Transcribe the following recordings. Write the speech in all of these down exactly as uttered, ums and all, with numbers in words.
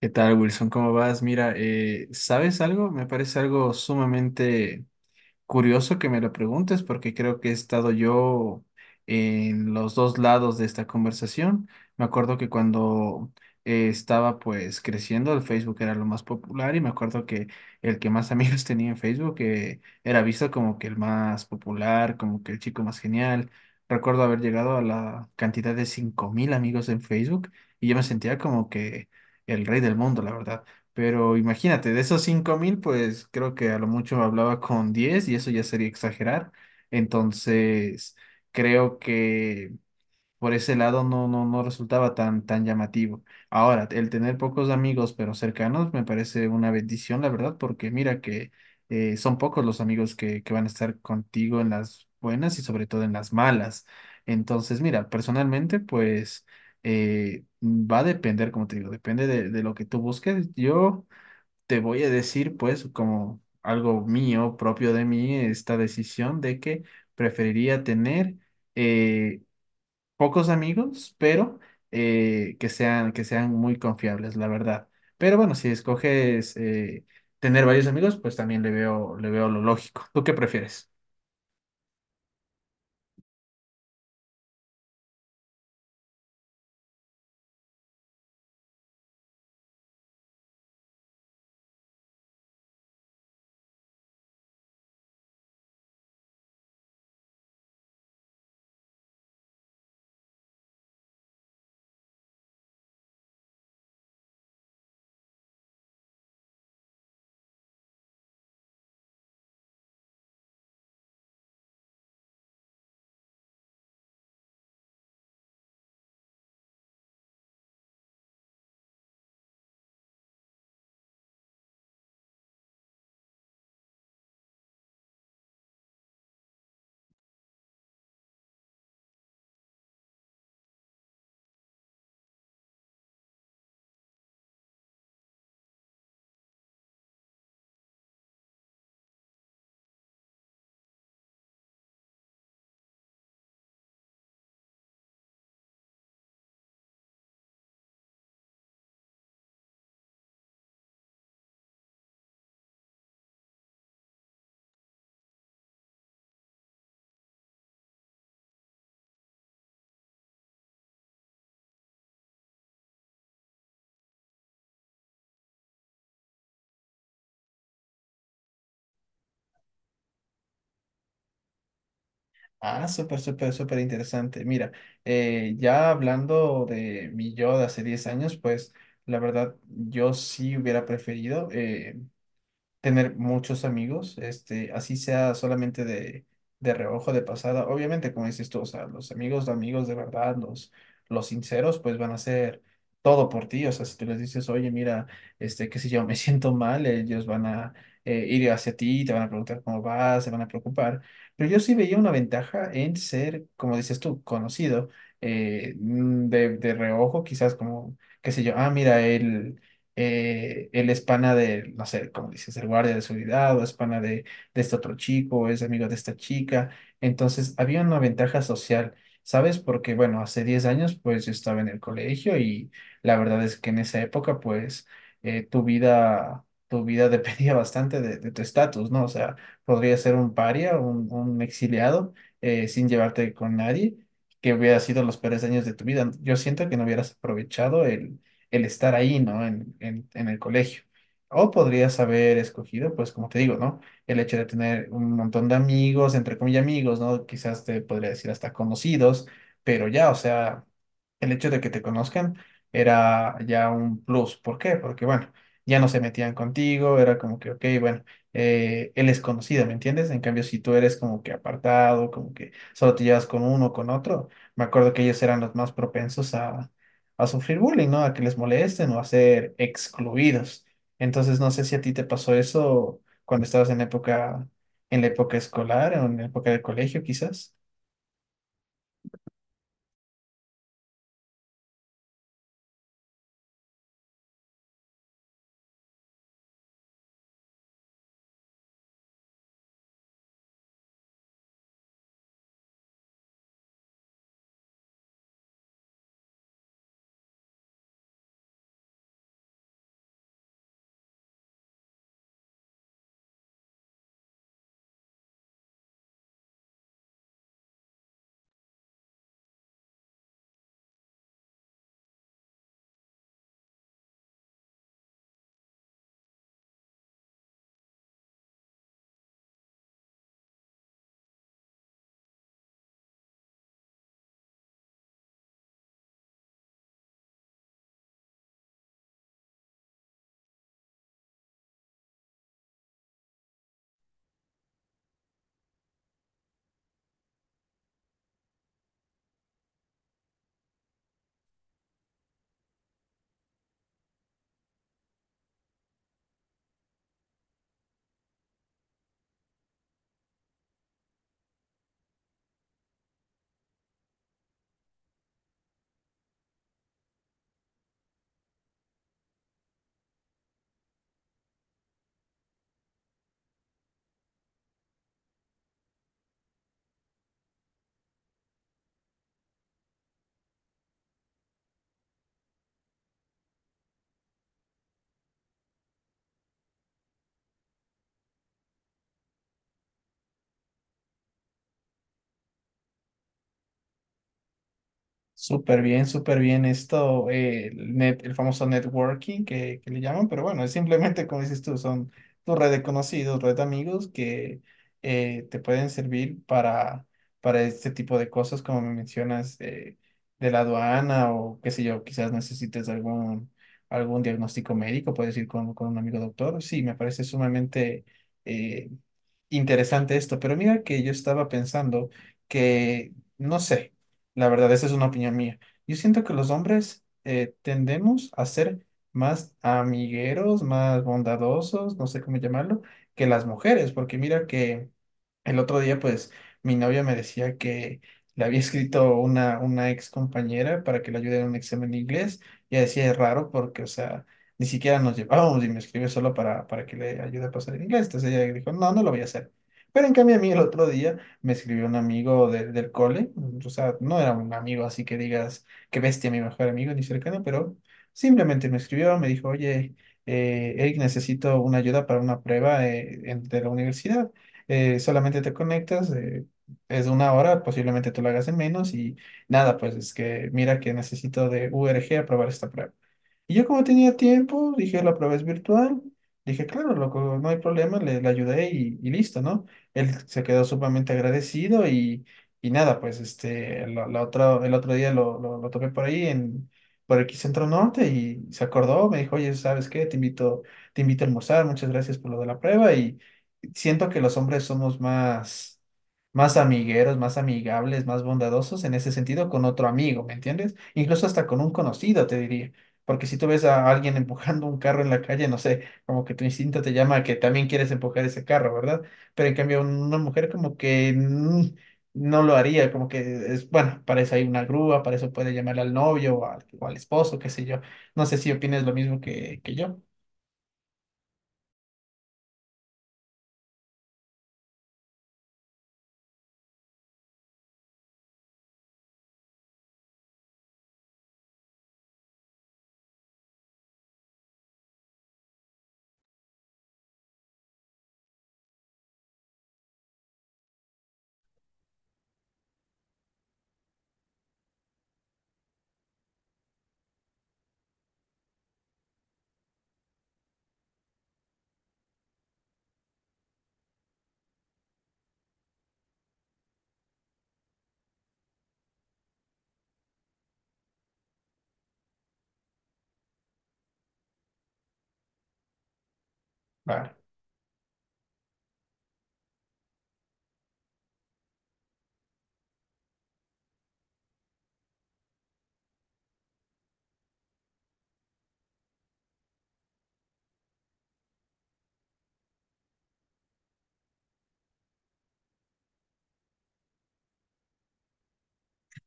¿Qué tal, Wilson? ¿Cómo vas? Mira, eh, ¿sabes algo? Me parece algo sumamente curioso que me lo preguntes porque creo que he estado yo en los dos lados de esta conversación. Me acuerdo que cuando eh, estaba pues creciendo, el Facebook era lo más popular, y me acuerdo que el que más amigos tenía en Facebook eh, era visto como que el más popular, como que el chico más genial. Recuerdo haber llegado a la cantidad de cinco mil amigos en Facebook y yo me sentía como que el rey del mundo, la verdad. Pero imagínate, de esos cinco mil pues creo que a lo mucho hablaba con diez y eso ya sería exagerar. Entonces, creo que por ese lado no, no, no resultaba tan, tan llamativo. Ahora, el tener pocos amigos pero cercanos me parece una bendición, la verdad, porque mira que eh, son pocos los amigos que, que van a estar contigo en las buenas y sobre todo en las malas. Entonces, mira, personalmente, pues eh, va a depender, como te digo, depende de, de lo que tú busques. Yo te voy a decir, pues, como algo mío, propio de mí, esta decisión de que preferiría tener eh, pocos amigos, pero eh, que sean, que sean muy confiables, la verdad. Pero bueno, si escoges eh, tener varios amigos, pues también le veo, le veo lo lógico. ¿Tú qué prefieres? Ah, súper, súper, súper interesante. Mira, eh, ya hablando de mi yo de hace diez años, pues la verdad yo sí hubiera preferido eh, tener muchos amigos, este, así sea solamente de, de reojo, de pasada. Obviamente, como dices tú, o sea, los amigos de amigos de verdad, los, los sinceros, pues van a hacer todo por ti. O sea, si tú les dices, oye, mira, este, qué sé yo, me siento mal, ellos van a eh, ir hacia ti, te van a preguntar cómo vas, se van a preocupar. Pero yo sí veía una ventaja en ser, como dices tú, conocido, eh, mm, de, de reojo, quizás como, qué sé yo, ah, mira, él eh, él es pana de, no sé, como dices, el guardia de seguridad, o es pana de, de este otro chico, o es amigo de esta chica. Entonces, había una ventaja social, ¿sabes? Porque, bueno, hace diez años, pues yo estaba en el colegio y la verdad es que en esa época, pues, eh, tu vida, tu vida dependía bastante de, de tu estatus, ¿no? O sea, podría ser un paria, un, un exiliado, eh, sin llevarte con nadie, que hubiera sido los peores años de tu vida. Yo siento que no hubieras aprovechado el, el estar ahí, ¿no? En, en, en el colegio. O podrías haber escogido, pues como te digo, ¿no? El hecho de tener un montón de amigos, entre comillas amigos, ¿no? Quizás te podría decir hasta conocidos, pero ya, o sea, el hecho de que te conozcan era ya un plus. ¿Por qué? Porque, bueno, ya no se metían contigo, era como que, ok, bueno, eh, él es conocido, ¿me entiendes? En cambio, si tú eres como que apartado, como que solo te llevas con uno o con otro, me acuerdo que ellos eran los más propensos a a sufrir bullying, ¿no? A que les molesten o a ser excluidos. Entonces, no sé si a ti te pasó eso cuando estabas en época, en la época escolar o en la época de colegio, quizás. Súper bien, súper bien esto, eh, el, net- el famoso networking que, que le llaman, pero bueno, es simplemente como dices tú, son tu red de conocidos, red de amigos que eh, te pueden servir para, para este tipo de cosas, como me mencionas, eh, de la aduana o qué sé yo, quizás necesites algún, algún diagnóstico médico, puedes ir con, con un amigo doctor. Sí, me parece sumamente eh, interesante esto, pero mira que yo estaba pensando que, no sé. La verdad, esa es una opinión mía. Yo siento que los hombres eh, tendemos a ser más amigueros, más bondadosos, no sé cómo llamarlo, que las mujeres, porque mira que el otro día, pues, mi novia me decía que le había escrito una, una ex compañera para que le ayude en un examen de inglés. Y ella decía, es raro porque, o sea, ni siquiera nos llevábamos y me escribió solo para, para que le ayude a pasar el inglés. Entonces ella dijo, no, no lo voy a hacer. Pero en cambio a mí el otro día me escribió un amigo de- del cole. O sea, no era un amigo así que digas, qué bestia, mi mejor amigo, ni cercano, pero simplemente me escribió, me dijo, oye, eh, Eric, necesito una ayuda para una prueba eh, en- de la universidad, eh, solamente te conectas, eh, es una hora, posiblemente tú lo hagas en menos y nada, pues es que mira que necesito de U R G aprobar esta prueba. Y yo como tenía tiempo, dije, la prueba es virtual. Dije, claro, loco, no hay problema, le, le ayudé y, y listo, ¿no? Él se quedó sumamente agradecido y, y nada, pues este, la, la otra, el otro día lo, lo, lo topé por ahí en, por aquí Centro Norte, y se acordó, me dijo, oye, ¿sabes qué? Te invito, te invito a almorzar, muchas gracias por lo de la prueba. Y siento que los hombres somos más, más amigueros, más amigables, más bondadosos en ese sentido con otro amigo, ¿me entiendes? Incluso hasta con un conocido, te diría. Porque si tú ves a alguien empujando un carro en la calle, no sé, como que tu instinto te llama a que también quieres empujar ese carro, ¿verdad? Pero en cambio una mujer como que mm, no lo haría, como que es, bueno, para eso hay una grúa, para eso puede llamar al novio o al, o al esposo, qué sé yo. No sé si opinas lo mismo que, que yo. Ah,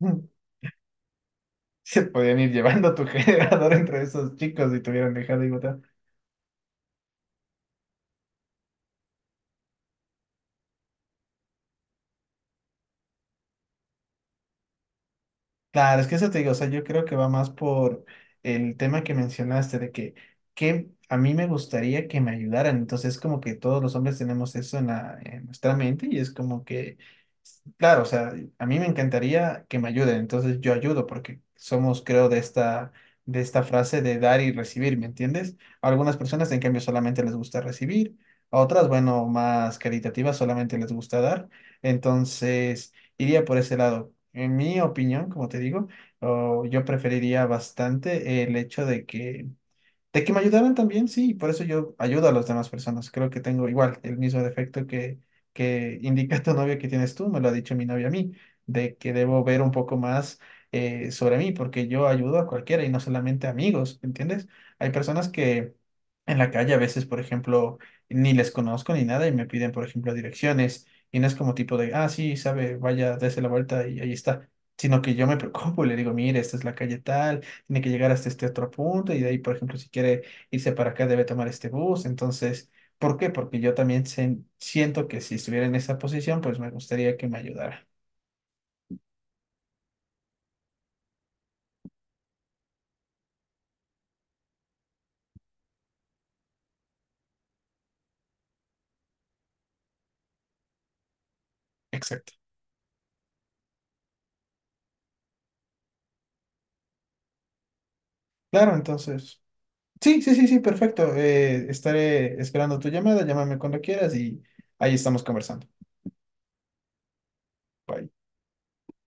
se podían ir llevando tu generador entre esos chicos y te hubieran dejado. Y claro, es que eso te digo, o sea, yo creo que va más por el tema que mencionaste de que, que a mí me gustaría que me ayudaran, entonces como que todos los hombres tenemos eso en la, en nuestra mente, y es como que, claro, o sea, a mí me encantaría que me ayuden, entonces yo ayudo porque somos, creo, de esta, de esta frase de dar y recibir, ¿me entiendes? A algunas personas, en cambio, solamente les gusta recibir; a otras, bueno, más caritativas, solamente les gusta dar, entonces iría por ese lado. En mi opinión, como te digo, o yo preferiría bastante el hecho de que de que me ayudaran también, sí, por eso yo ayudo a las demás personas. Creo que tengo igual el mismo defecto que, que indica tu novio que tienes tú, me lo ha dicho mi novia a mí, de que debo ver un poco más eh, sobre mí, porque yo ayudo a cualquiera y no solamente a amigos, ¿entiendes? Hay personas que en la calle a veces, por ejemplo, ni les conozco ni nada y me piden, por ejemplo, direcciones, y no es como tipo de, ah, sí, sabe, vaya, dése la vuelta y ahí está, sino que yo me preocupo y le digo, mire, esta es la calle tal, tiene que llegar hasta este otro punto, y de ahí, por ejemplo, si quiere irse para acá, debe tomar este bus. Entonces, ¿por qué? Porque yo también sen- siento que si estuviera en esa posición, pues me gustaría que me ayudara. Exacto. Claro, entonces. Sí, sí, sí, sí, perfecto. Eh, estaré esperando tu llamada, llámame cuando quieras y ahí estamos conversando. Bye.